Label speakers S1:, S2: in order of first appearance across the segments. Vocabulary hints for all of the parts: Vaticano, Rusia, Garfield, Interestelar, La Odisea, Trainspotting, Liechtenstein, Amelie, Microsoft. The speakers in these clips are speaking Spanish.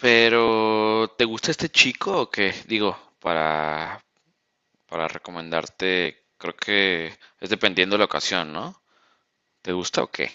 S1: Pero, ¿te gusta este chico o qué? Digo, para recomendarte, creo que es dependiendo de la ocasión, ¿no? ¿Te gusta o qué?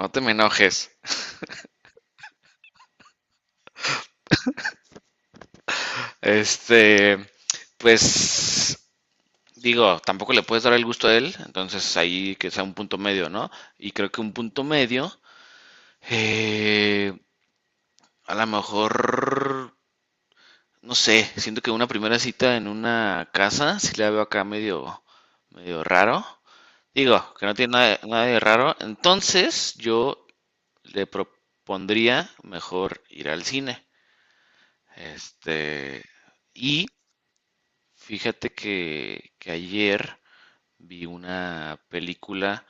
S1: No te me enojes. Este, pues, digo, tampoco le puedes dar el gusto a él, entonces ahí que sea un punto medio, ¿no? Y creo que un punto medio, eh, a lo mejor, no sé, siento que una primera cita en una casa, si la veo acá medio, medio raro. Digo, que no tiene nada, nada de raro. Entonces, yo le propondría mejor ir al cine. Este, y fíjate que ayer vi una película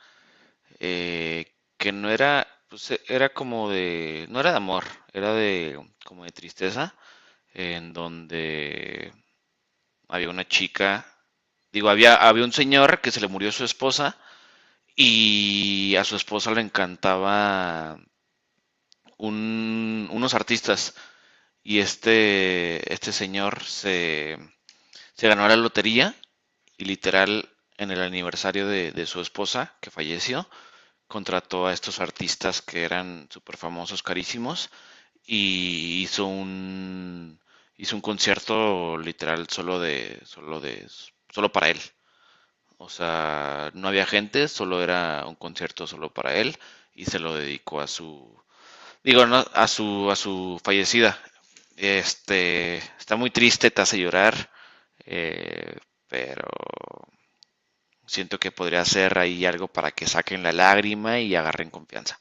S1: que no era, pues era como de, no era de amor, era de, como de tristeza, en donde había una chica, digo, había, había un señor que se le murió su esposa y a su esposa le encantaba unos artistas y este señor se, se ganó la lotería y literal en el aniversario de su esposa que falleció, contrató a estos artistas que eran súper famosos, carísimos y hizo un concierto literal solo de, solo de, solo para él. O sea, no había gente, solo era un concierto solo para él y se lo dedicó a su, digo, no, a su fallecida. Este, está muy triste, te hace llorar, eh, pero siento que podría hacer ahí algo para que saquen la lágrima y agarren confianza.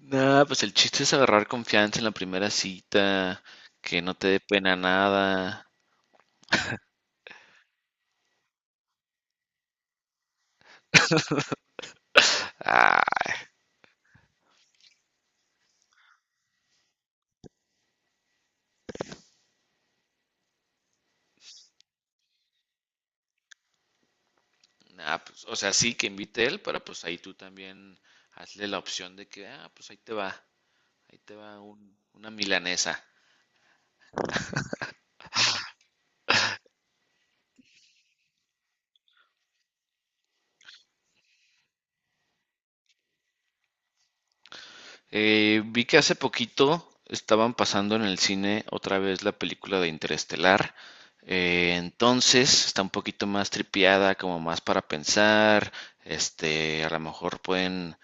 S1: Nada, pues el chiste es agarrar confianza en la primera cita, que no te dé pena nada. Ah, ah, pues, o sea, sí que invite él, pero pues ahí tú también hazle la opción de que, ah, pues ahí te va una milanesa. Vi que hace poquito estaban pasando en el cine otra vez la película de Interestelar. Entonces está un poquito más tripiada, como más para pensar. Este, a lo mejor pueden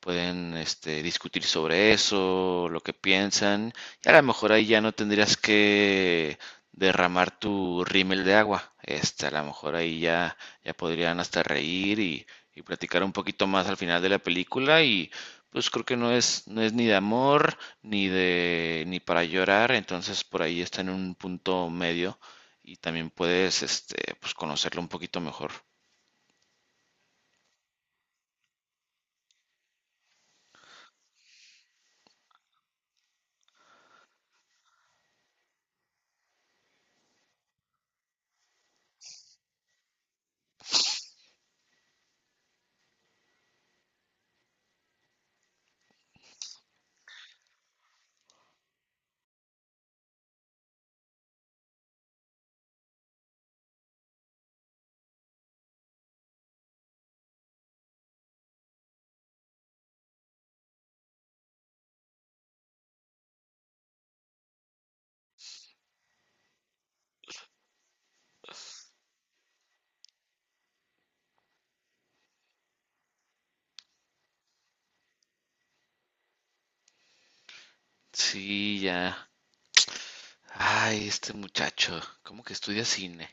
S1: pueden este, discutir sobre eso, lo que piensan, y a lo mejor ahí ya no tendrías que derramar tu rímel de agua. Este, a lo mejor ahí ya, ya podrían hasta reír y platicar un poquito más al final de la película y pues creo que no es, no es ni de amor ni de ni para llorar, entonces por ahí está en un punto medio y también puedes este pues conocerlo un poquito mejor. Sí, ya. Ay, este muchacho, ¿cómo que estudia cine?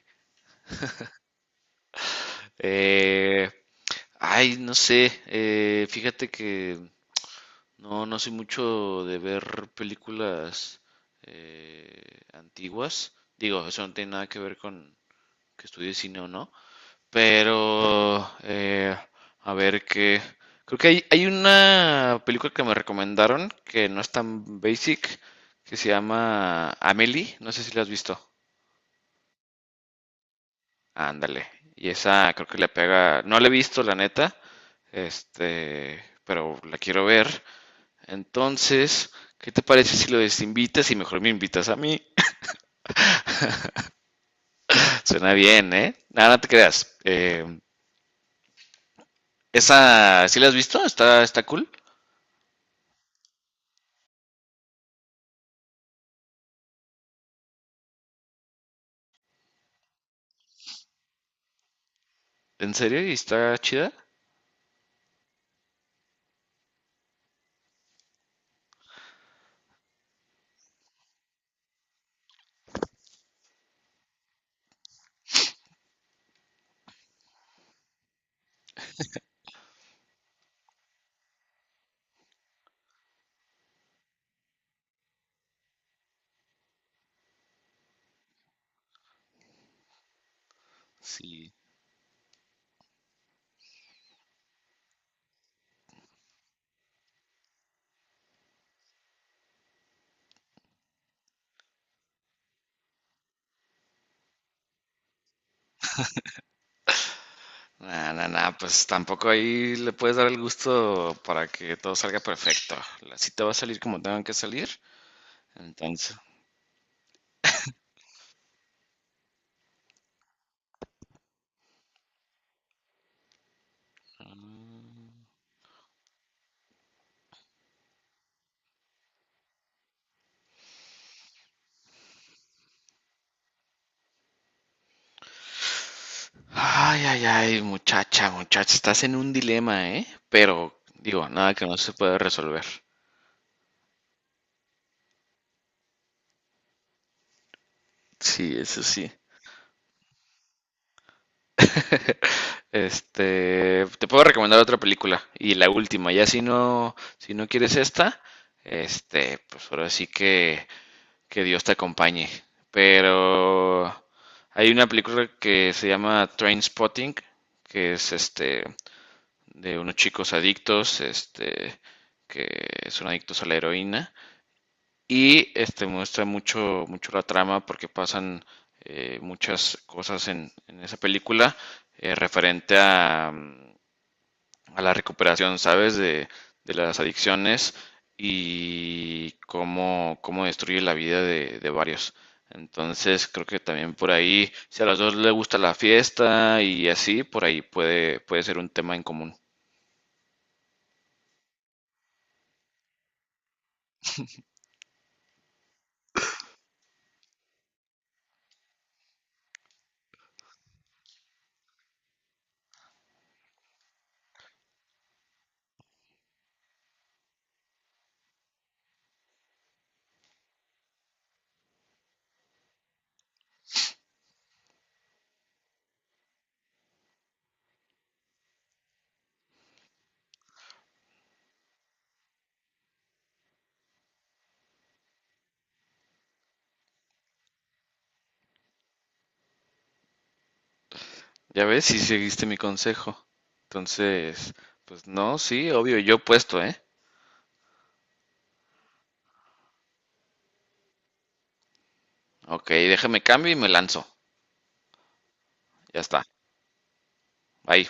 S1: Eh, ay, no sé, fíjate que no, no soy mucho de ver películas antiguas. Digo, eso no tiene nada que ver con que estudie cine o no. Pero, a ver qué. Creo que hay una película que me recomendaron que no es tan basic, que se llama Amelie. No sé si la has visto. Ándale. Y esa creo que le pega. No la he visto, la neta. Este, pero la quiero ver. Entonces, ¿qué te parece si lo desinvitas y mejor me invitas a mí? Suena bien, ¿eh? Nada, no te creas. Esa, ¿sí la has visto? Está, está cool. ¿En serio? ¿Y está chida? Sí. Nah, nah, nah, pues tampoco ahí le puedes dar el gusto para que todo salga perfecto. La cita va a salir como tengan que salir. Entonces, ay, ay, ay, muchacha, muchacha, estás en un dilema, ¿eh? Pero, digo, nada que no se puede resolver. Sí, eso sí. Este, te puedo recomendar otra película y la última. Ya si no, si no quieres esta, este, pues ahora sí que Dios te acompañe. Pero hay una película que se llama Trainspotting, que es este de unos chicos adictos, este, que son adictos a la heroína. Y este muestra mucho, mucho la trama porque pasan muchas cosas en esa película referente a, a la recuperación, ¿sabes? De las adicciones y cómo, cómo destruye la vida de varios. Entonces creo que también por ahí, si a los dos les gusta la fiesta y así, por ahí puede, puede ser un tema en común. Ya ves, si seguiste mi consejo. Entonces, pues no, sí, obvio, yo puesto, ¿eh? Ok, déjame cambio y me lanzo. Ya está. Bye.